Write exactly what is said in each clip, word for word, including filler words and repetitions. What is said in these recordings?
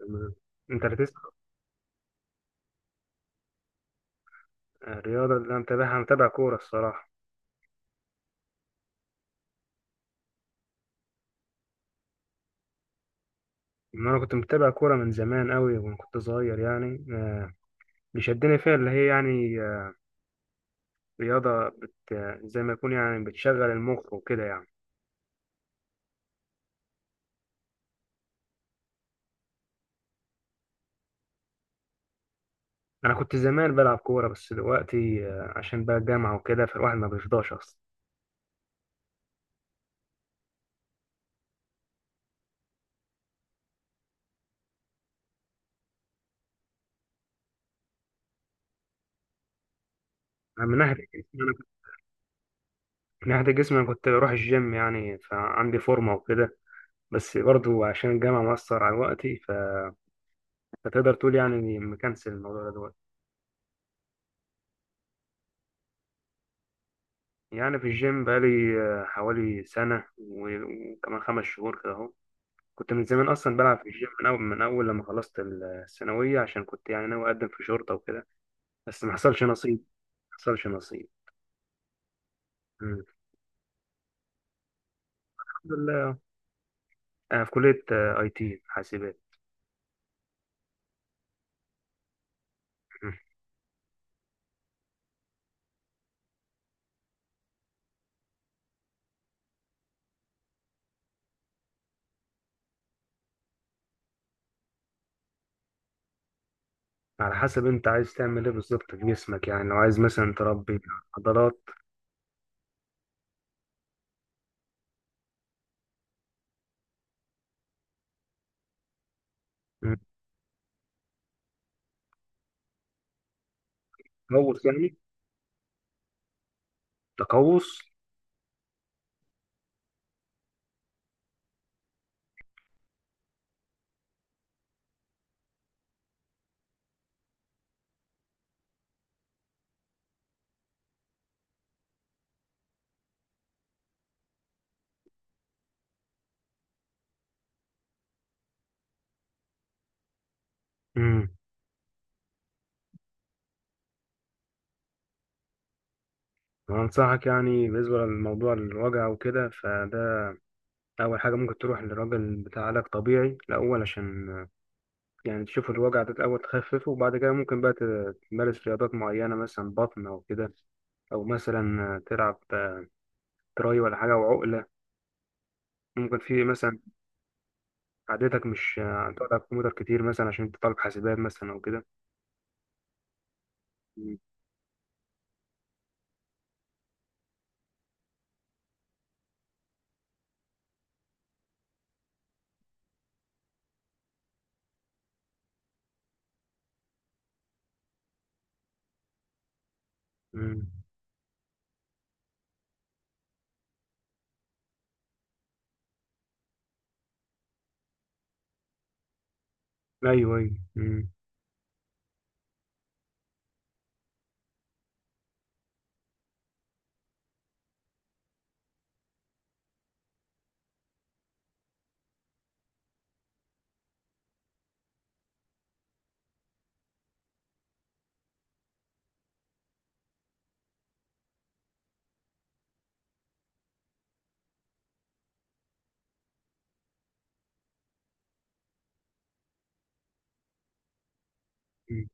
تمام. انت ركزت. الرياضة اللي انا متابعها متابع كورة الصراحة. ان انا كنت متابع كورة من زمان قوي وانا كنت صغير يعني آه، اللي شدني فيها اللي هي يعني آه، رياضة بت آه، زي ما يكون يعني بتشغل المخ وكده يعني. انا كنت زمان بلعب كورة بس دلوقتي آه، عشان بقى الجامعة وكده فالواحد ما بيفضاش اصلا. أنا من ناحية الجسم- انا كنت- من ناحية الجسم انا كنت بروح الجيم يعني فعندي فورمة وكده. بس برضو عشان الجامعة مأثر على وقتي ف- فتقدر تقول يعني إني مكنسل الموضوع ده دلوقتي. يعني في الجيم بقالي آه، حوالي سنة و- وكمان خمس شهور كده أهو. كنت من زمان أصلا بلعب في الجيم من أول من أول لما خلصت الثانوية عشان كنت يعني ناوي أقدم في شرطة وكده. بس ما حصلش نصيب. ما حصلش نصيب. مم. الحمد لله. أنا في كلية أي تي حاسبات. مم. على حسب أنت عايز تعمل إيه بالظبط في جسمك يعني لو عايز مثلا تربي عضلات. مم. تقوس يعني. تقوس. مم. وأنصحك يعني بالنسبة للموضوع الوجع وكده فده أول حاجة ممكن تروح لراجل بتاع علاج طبيعي الأول عشان آه، يعني تشوف الوجع ده الأول تخففه وبعد كده ممكن بقى ت- تمارس رياضات معينة مثلا بطن أو كده. أو مثلا آه، تلعب آه، تراي ولا حاجة وعقلة. ممكن في مثلا عادتك مش آه، تقعد على الكمبيوتر كتير مثلا عشان أنت طالب حاسبات مثلا أو كده. مم. مم. أيوه، أيوه. مم. مم.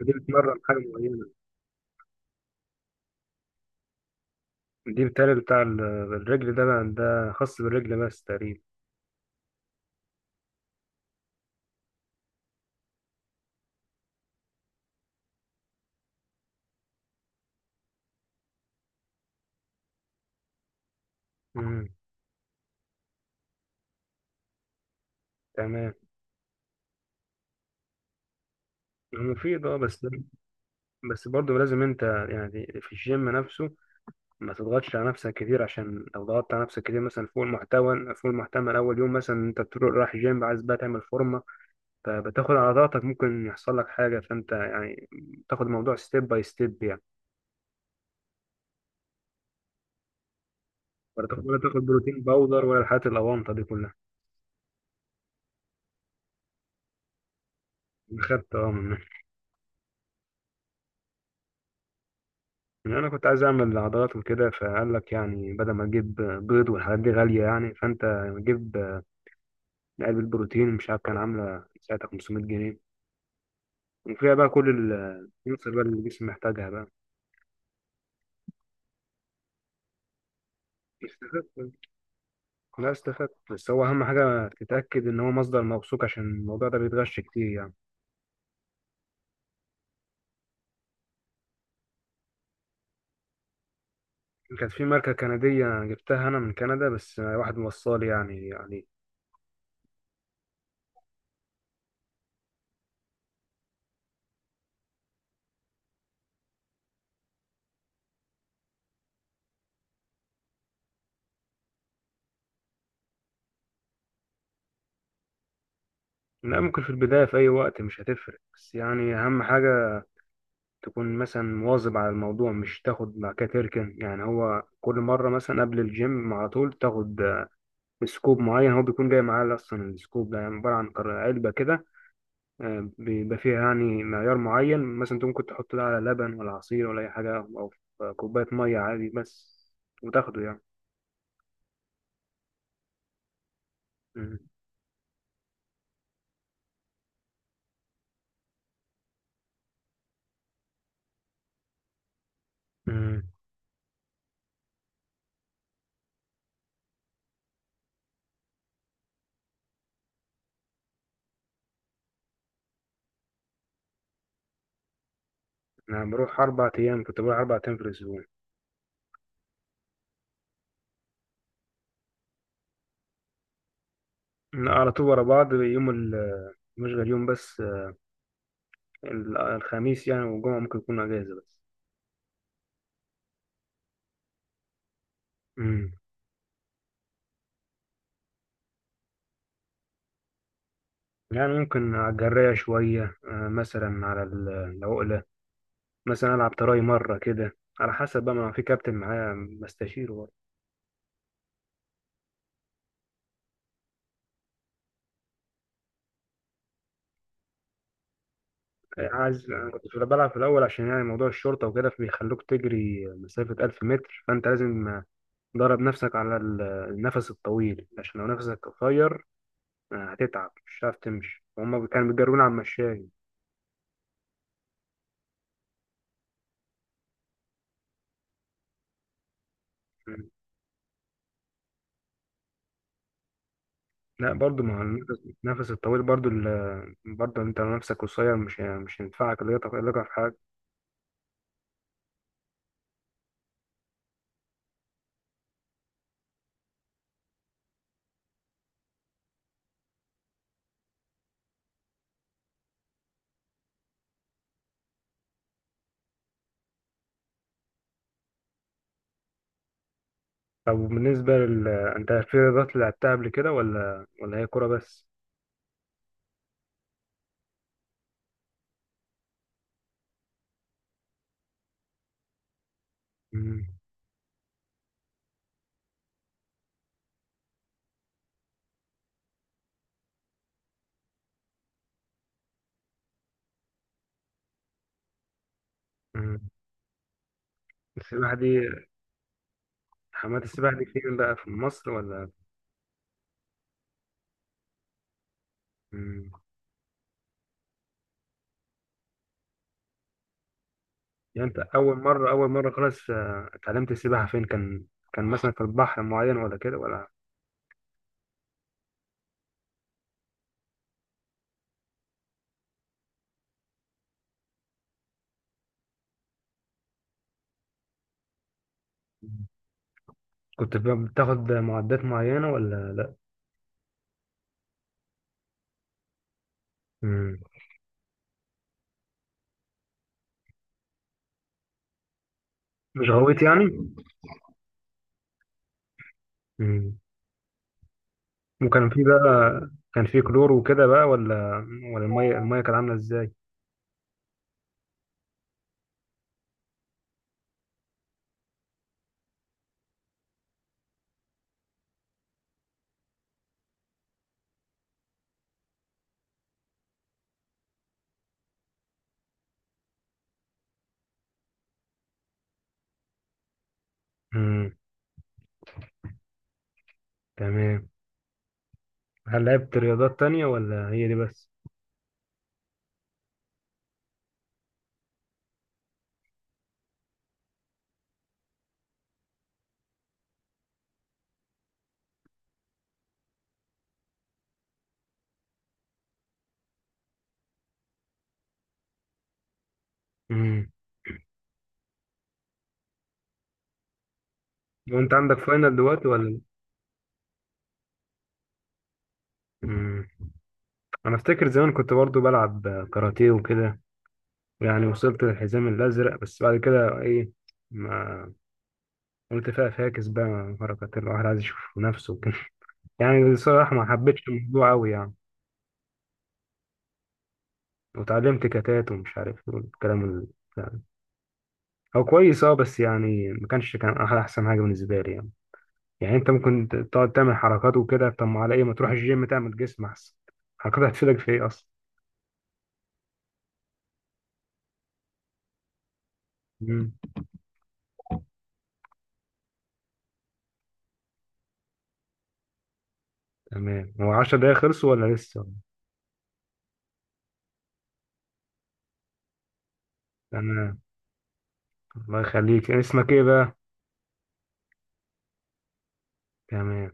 فدي بتمرن حاجة معينة. دي بالتالي بتاع ال- الرجل ده بقى ده خاص بالرجل بس تقريبا. مم. تمام. هو مفيد، اه، بس. بس برضه لازم انت يعني في الجيم نفسه ما تضغطش على نفسك كتير، عشان لو ضغطت على نفسك كتير مثلا فوق المحتوى فوق المحتمل اول يوم، مثلا انت بتروح رايح جيم عايز بقى تعمل فورمه، فبتاخد على ضغطك ممكن يحصل لك حاجه، فانت يعني تاخد الموضوع ستيب باي ستيب يعني. ولا تاخد ولا تاخد بروتين باودر ولا الحاجات الاوانطه دي كلها. خدت، اه، من. يعني انا كنت عايز اعمل عضلات وكده فقال لك يعني بدل ما تجيب بيض والحاعات دي غاليه يعني، فانت جيب علبه بروتين، مش عارف كان عامله ساعتها خمسمية جنيه، وفيها بقى كل العناصر بقى اللي الجسم محتاجها بقى. استفدت. لا، استفدت، بس هو أهم حاجة تتأكد إن هو مصدر موثوق عشان الموضوع ده بيتغش كتير يعني. كانت في ماركة كندية جبتها أنا من كندا بس واحد موصلي يعني. يعني لا، ممكن في البداية في أي وقت مش هتفرق، بس يعني أهم حاجة تكون مثلا مواظب على الموضوع، مش تاخد مع كده تركن يعني، هو كل مرة مثلا قبل الجيم على طول تاخد سكوب معين، هو بيكون جاي معاه أصلا السكوب ده، يعني عبارة عن كر- علبة كده آه، بيبقى فيها يعني معيار معين، مثلا انت ممكن تحط ده على لبن ولا عصير ولا اي حاجه او في كوبايه ميه عادي بس، وتاخده يعني. مم. مم. انا بروح اربع ايام، كنت بروح اربع ايام في الاسبوع. أنا على طول ورا بعض، يوم ال- مش غير يوم بس آه، ال- الخميس يعني والجمعه ممكن يكون اجازه بس. مم. يعني ممكن على الجراية شوية آه، مثلا على ال- العقلة، مثلا ألعب تراي مرة كده، على حسب بقى ما في كابتن معايا بستشيره. عايز أنا كنت في بلعب في الأول عشان يعني موضوع الشرطة وكده، فبيخلوك تجري مسافة ألف متر، فأنت لازم تدرب نفسك على ال- النفس الطويل، عشان لو نفسك قصير هتتعب، مش هتعرف تمشي، وهم كانوا بيجرونا على المشاية. لا، برضو ما هو النفس النفس الطويل برضو ال... برضو انت لو نفسك قصير مش مش هينفعك اللياقة. اللياقة في حاجة. طب بالنسبة لل انت في رياضات لعبتها قبل كده ولا ولا هي كورة بس؟ مم. مم. السباحة دي، حمامات السباحة دي فين بقى، في مصر ولا؟ مم. يعني انت اول مره اول مره خلاص آه، اتعلمت السباحه فين كان؟ كان مثلا في البحر معين ولا كده ولا؟ كنت ب- بتاخد معدات معينه ولا لا؟ مم. مش غويت يعني. مم. وكان في بقى، كان في كلور وكده بقى ولا، ولا الميه الميه كانت عامله ازاي؟ مم. تمام. هل لعبت رياضات تانية ولا هي دي بس؟ مم. وانت عندك فاينل دلوقتي ولا؟ مم. انا افتكر زمان كنت برضو بلعب كاراتيه وكده، يعني وصلت للحزام الأزرق، بس بعد كده إيه، ما قلت فيها فاكس بقى، حركات الواحد عايز يشوف نفسه وكده. يعني بصراحة ما حبيتش الموضوع أوي يعني. وتعلمت كتات ومش عارف إيه والكلام ال- يعني هو كويس أه بس يعني، ما كانش كان أحلى أحسن حاجة بالنسبة لي يعني. يعني أنت ممكن ت- تقعد تعمل حركات وكده، طب ما على إيه ما تروح الجيم تعمل جسم أحسن؟ الحركات هتفيدك في إيه أصلا؟ مم. تمام، هو عشرة دقايق خلصوا ولا لسه؟ تمام. الله يخليك، اسمك إيه بقى؟ تمام.